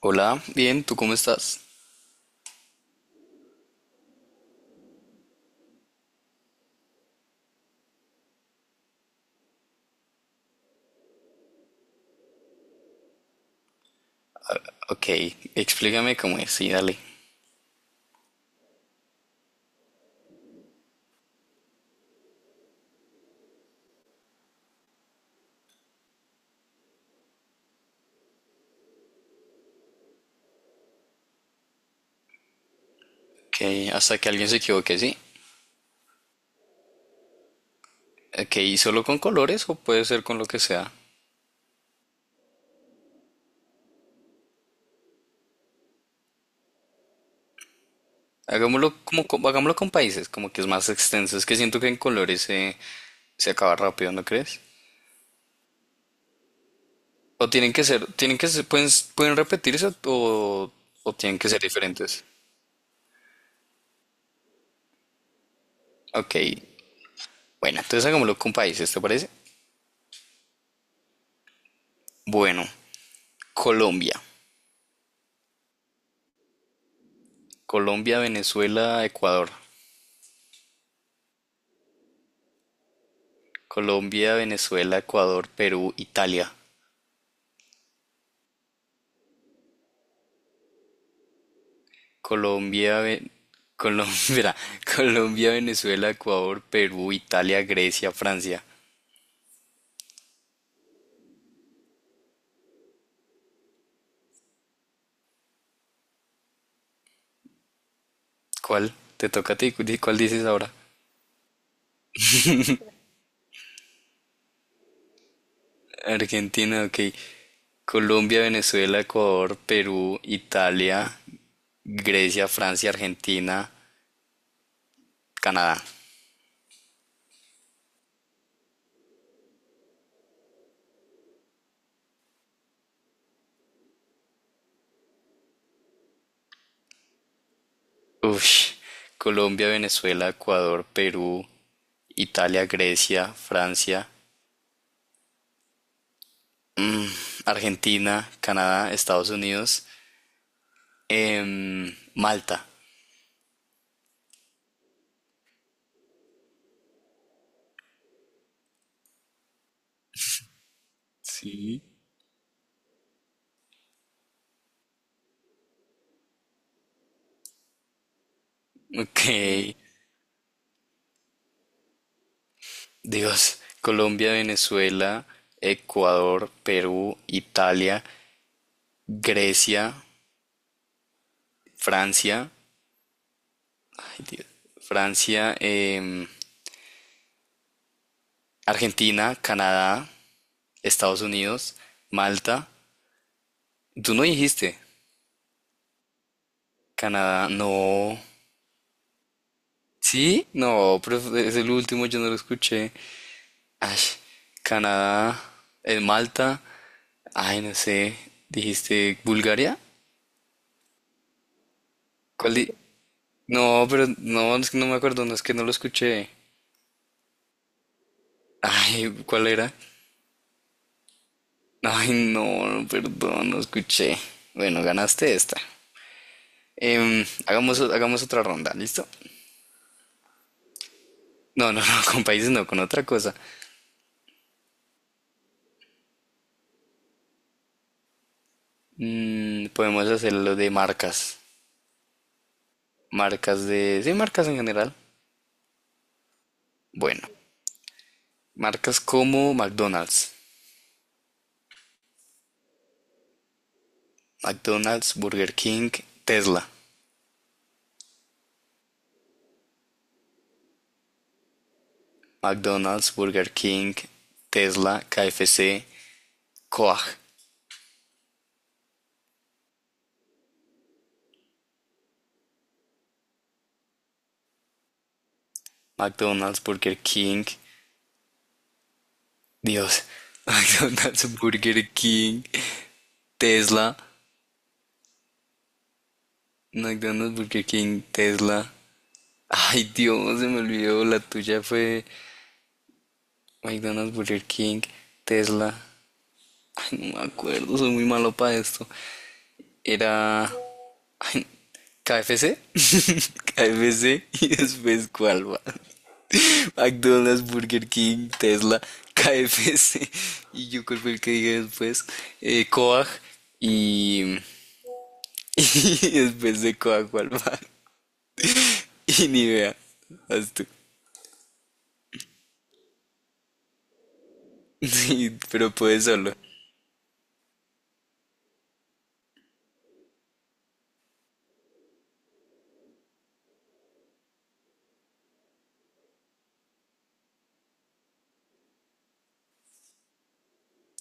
Hola, bien, ¿tú cómo estás? Ok, explícame cómo es, sí, dale. Ok, hasta que alguien se equivoque, sí. Ok, ¿y solo con colores o puede ser con lo que sea? Hagámoslo como con, hagámoslo con países, como que es más extenso. Es que siento que en colores se, se acaba rápido, ¿no crees? O tienen que ser, pueden, pueden repetirse o tienen que ser diferentes. Ok, bueno, entonces hagámoslo con países, ¿te parece? Bueno, Colombia, Colombia, Venezuela, Ecuador. Colombia, Venezuela, Ecuador, Perú, Italia. Colombia, Ve- espera, Colombia, Venezuela, Ecuador, Perú, Italia, Grecia, Francia. ¿Cuál? Te toca a ti. ¿Cuál dices ahora? Argentina, ok. Colombia, Venezuela, Ecuador, Perú, Italia, Grecia, Francia, Argentina, Canadá. Ush. Colombia, Venezuela, Ecuador, Perú, Italia, Grecia, Francia, Argentina, Canadá, Estados Unidos. Malta. Sí. Ok. Dios. Colombia, Venezuela, Ecuador, Perú, Italia, Grecia, Francia. Ay, Dios, Francia, Argentina, Canadá, Estados Unidos, Malta. Tú no dijiste. Canadá, no. ¿Sí? No, pero es el último, yo no lo escuché. Ay, Canadá, Malta. Ay, no sé. ¿Dijiste Bulgaria? ¿Cuál di- No, pero no, es que no me acuerdo, no es que no lo escuché. Ay, ¿cuál era? Ay, no, perdón, no escuché. Bueno, ganaste esta. Hagamos otra ronda, ¿listo? No, no, no, con países no, con otra cosa. Mm, podemos hacer lo de marcas. Marcas de... Sí, marcas en general. Bueno, marcas como McDonald's. McDonald's, Burger King, Tesla. McDonald's, Burger King, Tesla, KFC, Coag. McDonald's, Burger King, Dios, McDonald's, Burger King, Tesla, McDonald's, Burger King, Tesla. Ay, Dios, se me olvidó, la tuya fue McDonald's, Burger King, Tesla. Ay, no me acuerdo, soy muy malo para esto. Era KFC, KFC y después cuál va. McDonald's, Burger King, Tesla, KFC y yo cuál fue el que dije después, Coag y Y después de coajo al mar. Y ni vea. Haz tú. Sí, pero puedes solo.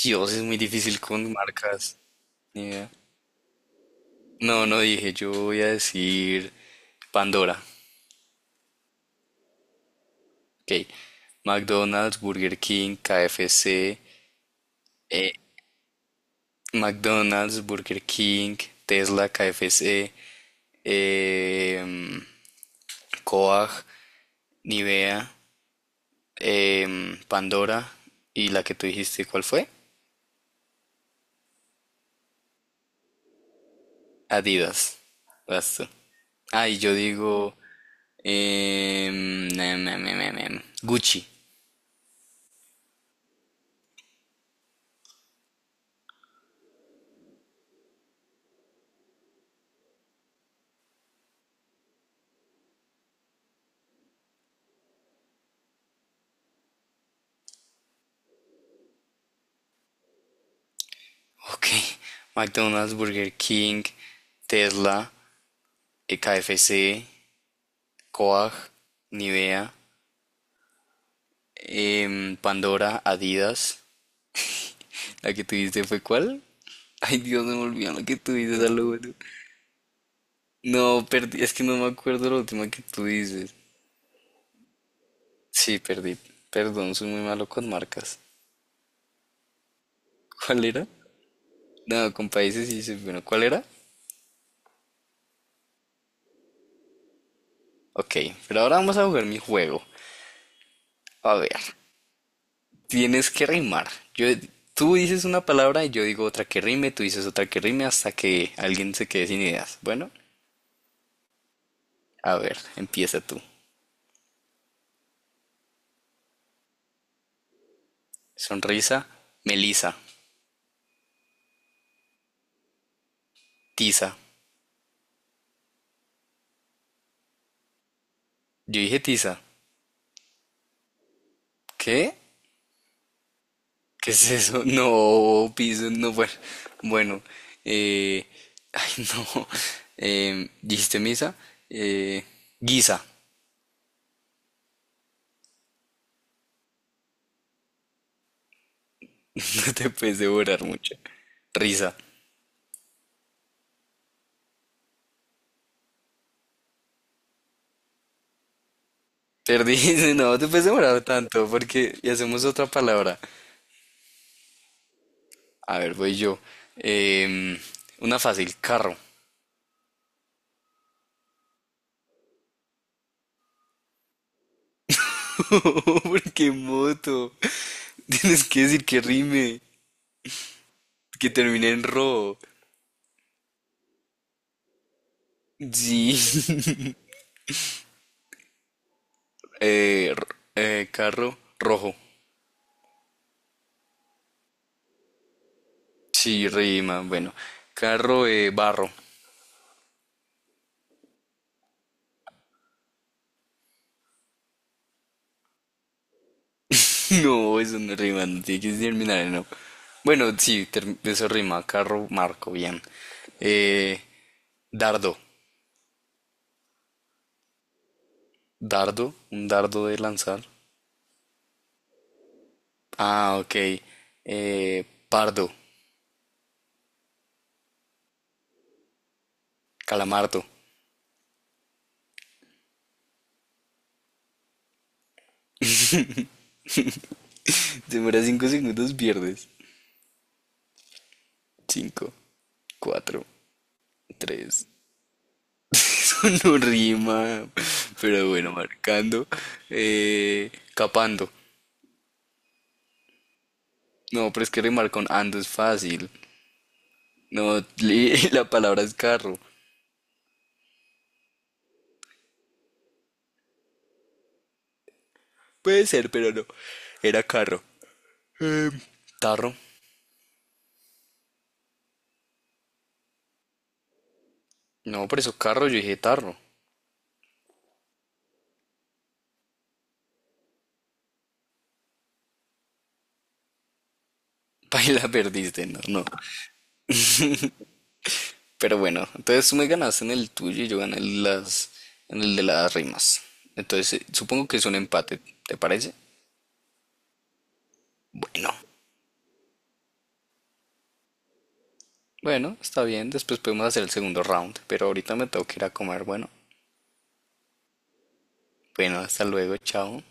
Dios, es muy difícil con marcas. Ni idea. No, no dije. Yo voy a decir Pandora. Ok. McDonald's, Burger King, KFC. eh, McDonald's, Burger King, Tesla, KFC. Eh, Coag, Nivea, Pandora. Y la que tú dijiste, ¿cuál fue? Adidas. Vas tú. Ay, yo digo. Gucci. Ok. McDonald's, Burger King, Tesla, KFC, Coag, Nivea, Pandora, Adidas. ¿La que tuviste fue cuál? Ay, Dios, se me olvidó la que tú dices, a lo bueno. No, perdí, es que no me acuerdo la última que tú dices. Sí, perdí. Perdón, soy muy malo con marcas. ¿Cuál era? No, con países y dices, bueno, ¿cuál era? Ok, pero ahora vamos a jugar mi juego. A ver, tienes que rimar. Yo, tú dices una palabra y yo digo otra que rime, tú dices otra que rime hasta que alguien se quede sin ideas. Bueno, a ver, empieza tú. Sonrisa, Melisa, tiza. Yo dije tiza. ¿Qué? ¿Qué es eso? No, piso, no, bueno. Bueno, eh, ay, no. ¿Dijiste misa? Eh, guisa. No te puedes devorar mucho. Risa. Perdí, no te puedes devorar tanto porque y hacemos otra palabra. A ver, voy yo. Em, una fácil, carro. Porque moto. Tienes que decir que rime, que termine en ro. Sí. Eh, r- carro rojo. Sí, rima. Bueno, carro barro. No, eso no rima, no tiene que terminar en O. Bueno, sí, eso rima, carro, marco, bien. Eh, dardo, dardo, un dardo de lanzar. Ah, ok. Pardo, calamardo. Te demora cinco segundos, pierdes. Cinco, cuatro, tres. No rima, pero bueno, marcando. Eh, capando. No, pero es que rimar con ando es fácil. No, la palabra es carro. Puede ser, pero no. Era carro. Em, tarro. No, por eso carro, yo dije tarro. Paila, perdiste, no, no. Pero bueno, entonces tú me ganaste en el tuyo y yo gané en las, en el de las rimas. Entonces, supongo que es un empate, ¿te parece? Bueno, bueno, está bien, después podemos hacer el segundo round, pero ahorita me tengo que ir a comer, bueno. Bueno, hasta luego, chao.